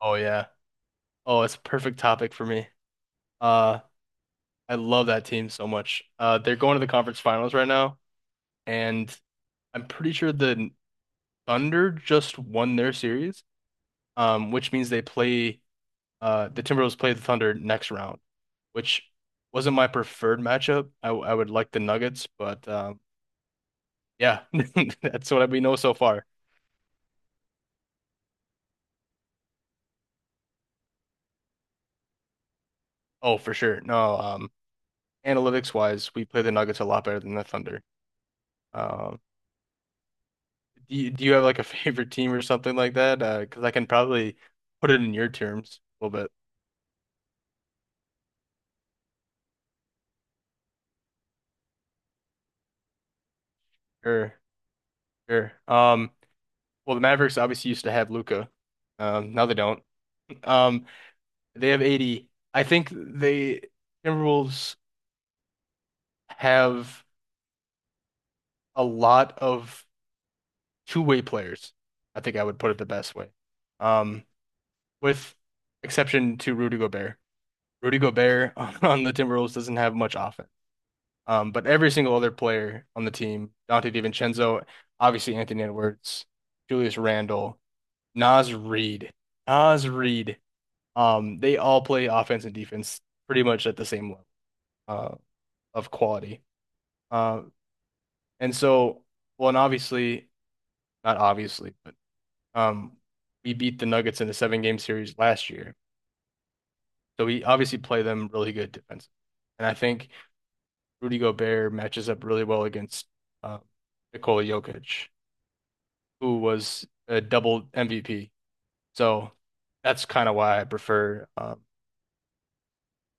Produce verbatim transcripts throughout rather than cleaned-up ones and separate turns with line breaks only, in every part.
Oh yeah. Oh, it's a perfect topic for me. Uh, I love that team so much. Uh, they're going to the conference finals right now, and I'm pretty sure the Thunder just won their series, um, which means they play uh the Timberwolves play the Thunder next round, which wasn't my preferred matchup. I, w- I would like the Nuggets, but um, yeah, that's what we know so far. Oh, for sure. No, um, analytics wise, we play the Nuggets a lot better than the Thunder. Um. Do you, do you have like a favorite team or something like that? Uh, because I can probably put it in your terms a little bit. Sure, sure. Um, well, the Mavericks obviously used to have Luca. Um, now they don't. Um, they have eighty. I think they Timberwolves have a lot of two-way players. I think I would put it the best way. Um, with exception to Rudy Gobert. Rudy Gobert on the Timberwolves doesn't have much offense. Um, but every single other player on the team, Dante DiVincenzo, obviously Anthony Edwards, Julius Randle, Naz Reid, Naz Reid, um, they all play offense and defense pretty much at the same level uh, of quality. Uh, and so, well, and obviously, not obviously, but um, we beat the Nuggets in a seven game series last year. So we obviously play them really good defense. And I think Rudy Gobert matches up really well against uh, Nikola Jokic, who was a double M V P. So that's kind of why I prefer um,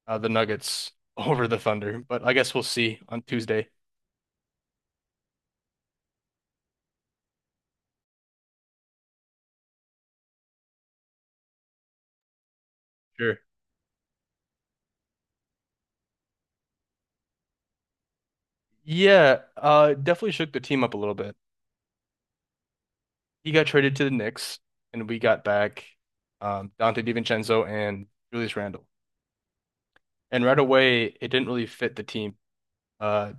uh, the Nuggets over the Thunder. But I guess we'll see on Tuesday. Sure. Yeah, uh, definitely shook the team up a little bit. He got traded to the Knicks, and we got back um, Dante DiVincenzo and Julius Randle. And right away, it didn't really fit the team. Uh,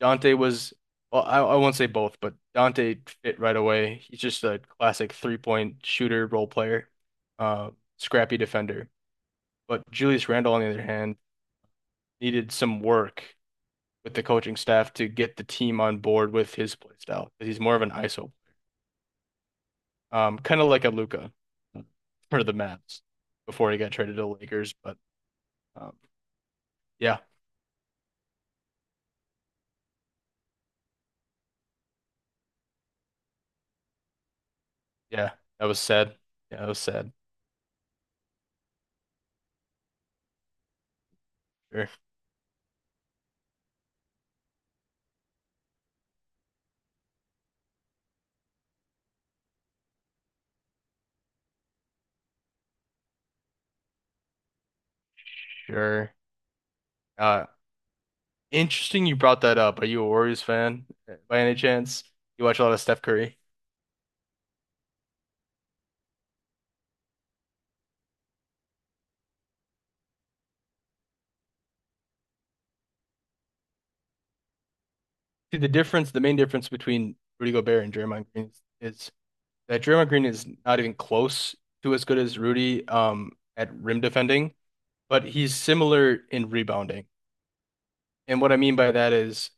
Dante was, well, I, I won't say both, but Dante fit right away. He's just a classic three-point shooter role player, uh, scrappy defender. But Julius Randle, on the other hand, needed some work with the coaching staff to get the team on board with his play style 'cause he's more of an ISO, um, kind of like a Luka for the Mavs before he got traded to the Lakers. But um, yeah, yeah, that was sad. Yeah, that was sad. Sure, sure. Uh, Interesting you brought that up. Are you a Warriors fan by any chance? You watch a lot of Steph Curry. See, the difference, the main difference between Rudy Gobert and Draymond Green is that Draymond Green is not even close to as good as Rudy um, at rim defending, but he's similar in rebounding. And what I mean by that is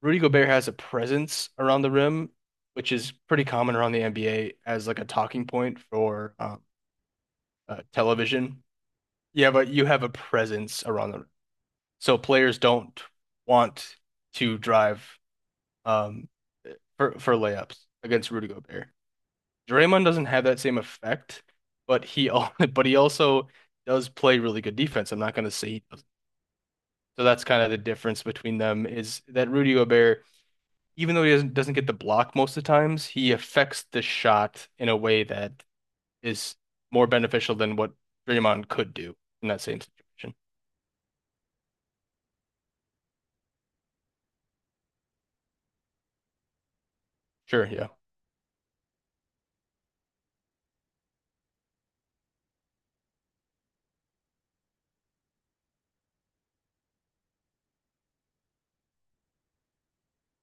Rudy Gobert has a presence around the rim, which is pretty common around the N B A as like a talking point for um, uh, television. Yeah, but you have a presence around the rim. So players don't want to drive um, for for layups against Rudy Gobert. Draymond doesn't have that same effect, but he al- but he also does play really good defense. I'm not going to say he doesn't. So that's kind of the difference between them is that Rudy Gobert, even though he doesn't doesn't get the block most of the times, he affects the shot in a way that is more beneficial than what Draymond could do in that same situation. Sure, yeah.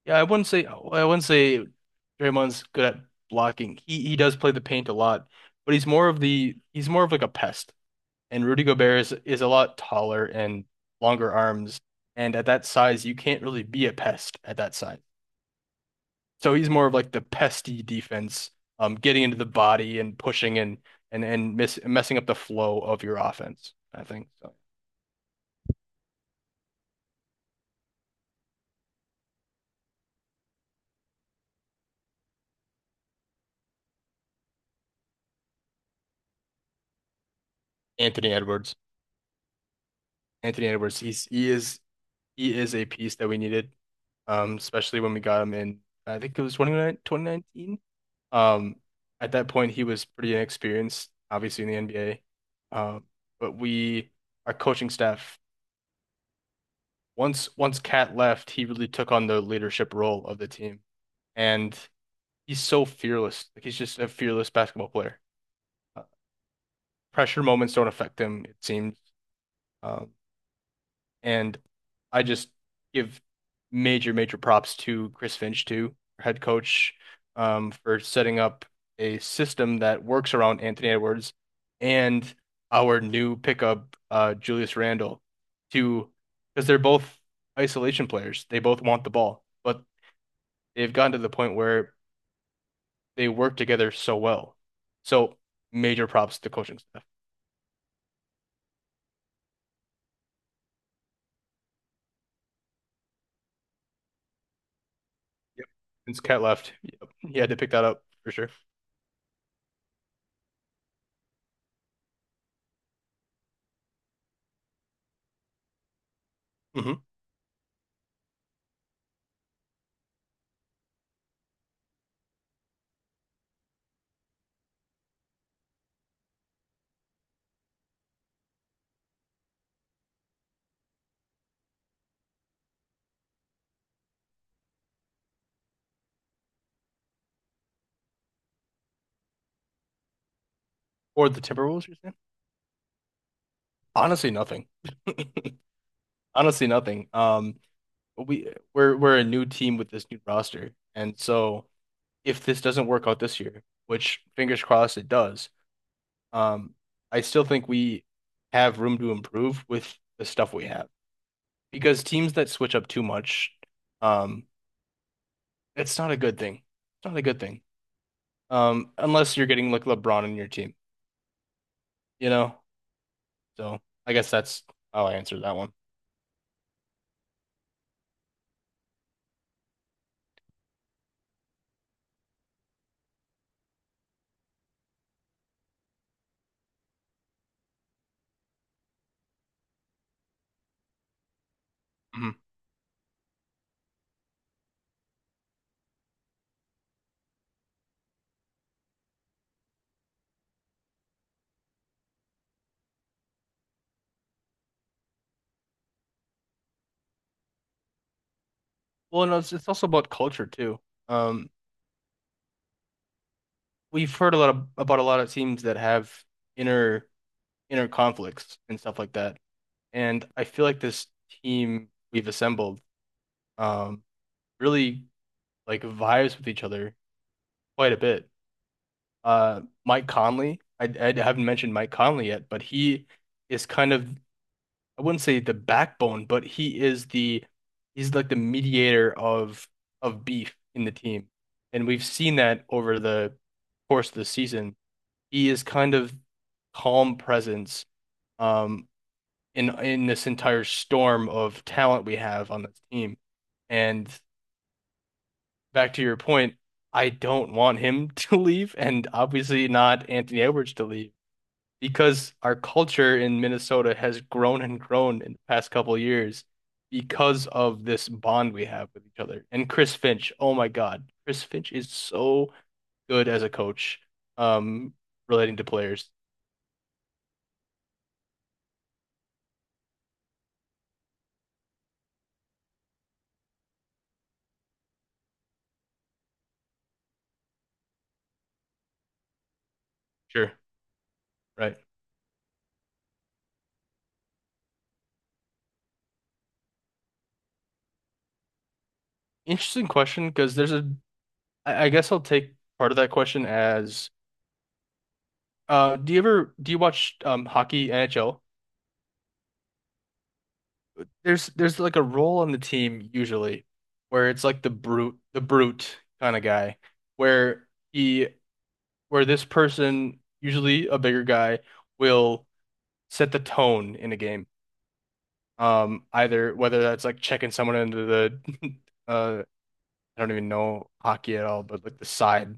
Yeah, I wouldn't say I wouldn't say Draymond's good at blocking. He he does play the paint a lot, but he's more of the he's more of like a pest. And Rudy Gobert is is a lot taller and longer arms, and at that size, you can't really be a pest at that size. So he's more of like the pesty defense, um, getting into the body and pushing and and and miss, messing up the flow of your offense, I think. So Anthony Edwards, Anthony Edwards, he's he is he is a piece that we needed, um, especially when we got him in, I think it was twenty-nine. Um, at that point, he was pretty inexperienced, obviously in the N B A. Um, but we, our coaching staff, once once Cat left, he really took on the leadership role of the team, and he's so fearless. Like he's just a fearless basketball player. Uh, Pressure moments don't affect him, it seems. Um, And I just give major, major props to Chris Finch, too, head coach, um, for setting up a system that works around Anthony Edwards and our new pickup, uh, Julius Randle, to because they're both isolation players. They both want the ball, but they've gotten to the point where they work together so well. So major props to coaching staff. Yep. Since Cat left, yep, he had to pick that up for sure. hmm Or the Timberwolves, you're saying? Honestly, nothing. Honestly, nothing. Um, we we're we're a new team with this new roster, and so if this doesn't work out this year, which fingers crossed it does, um, I still think we have room to improve with the stuff we have because teams that switch up too much, um, it's not a good thing. It's not a good thing. Um, unless you're getting like LeBron in your team, you know. So I guess that's how I answered that one. Mhm. Well, no, it's, it's also about culture too. Um, We've heard a lot of, about a lot of teams that have inner inner conflicts and stuff like that. And I feel like this team we've assembled um, really like vibes with each other quite a bit. Uh, Mike Conley, I, I haven't mentioned Mike Conley yet, but he is kind of, I wouldn't say the backbone, but he is the he's like the mediator of of beef in the team, and we've seen that over the course of the season. He is kind of calm presence um in in this entire storm of talent we have on this team. And back to your point, I don't want him to leave, and obviously not Anthony Edwards to leave because our culture in Minnesota has grown and grown in the past couple of years because of this bond we have with each other. And Chris Finch, oh my God, Chris Finch is so good as a coach, um, relating to players. Sure, right. Interesting question because there's a I I guess I'll take part of that question as uh do you ever do you watch um hockey N H L? There's there's like a role on the team usually where it's like the brute the brute kind of guy where he where this person, usually a bigger guy, will set the tone in a game. Um either whether that's like checking someone into the uh I don't even know hockey at all, but like the side,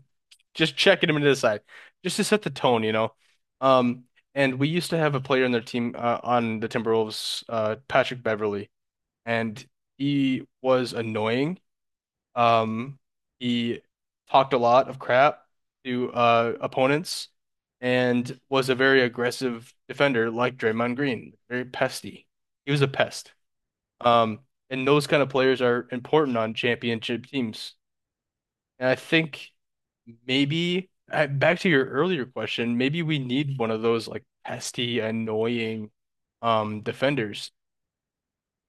just checking him into the side, just to set the tone, you know. Um, and we used to have a player in their team uh, on the Timberwolves, uh, Patrick Beverly, and he was annoying. Um, he talked a lot of crap to uh, opponents and was a very aggressive defender, like Draymond Green, very pesty. He was a pest. Um, and those kind of players are important on championship teams, and I think maybe I, back to your earlier question, maybe we need one of those like pesky, annoying um defenders.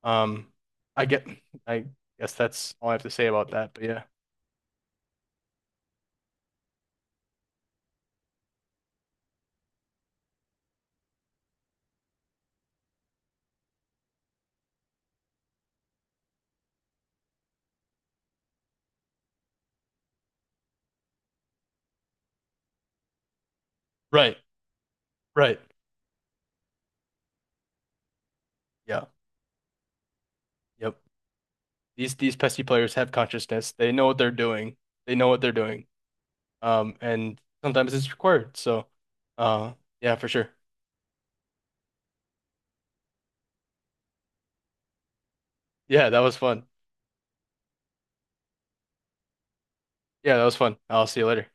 Um I get I guess that's all I have to say about that, but yeah. Right, right. Yeah. Yep. These these pesky players have consciousness. They know what they're doing. They know what they're doing. Um and sometimes it's required. So uh yeah, for sure. Yeah, that was fun. Yeah, that was fun. I'll see you later.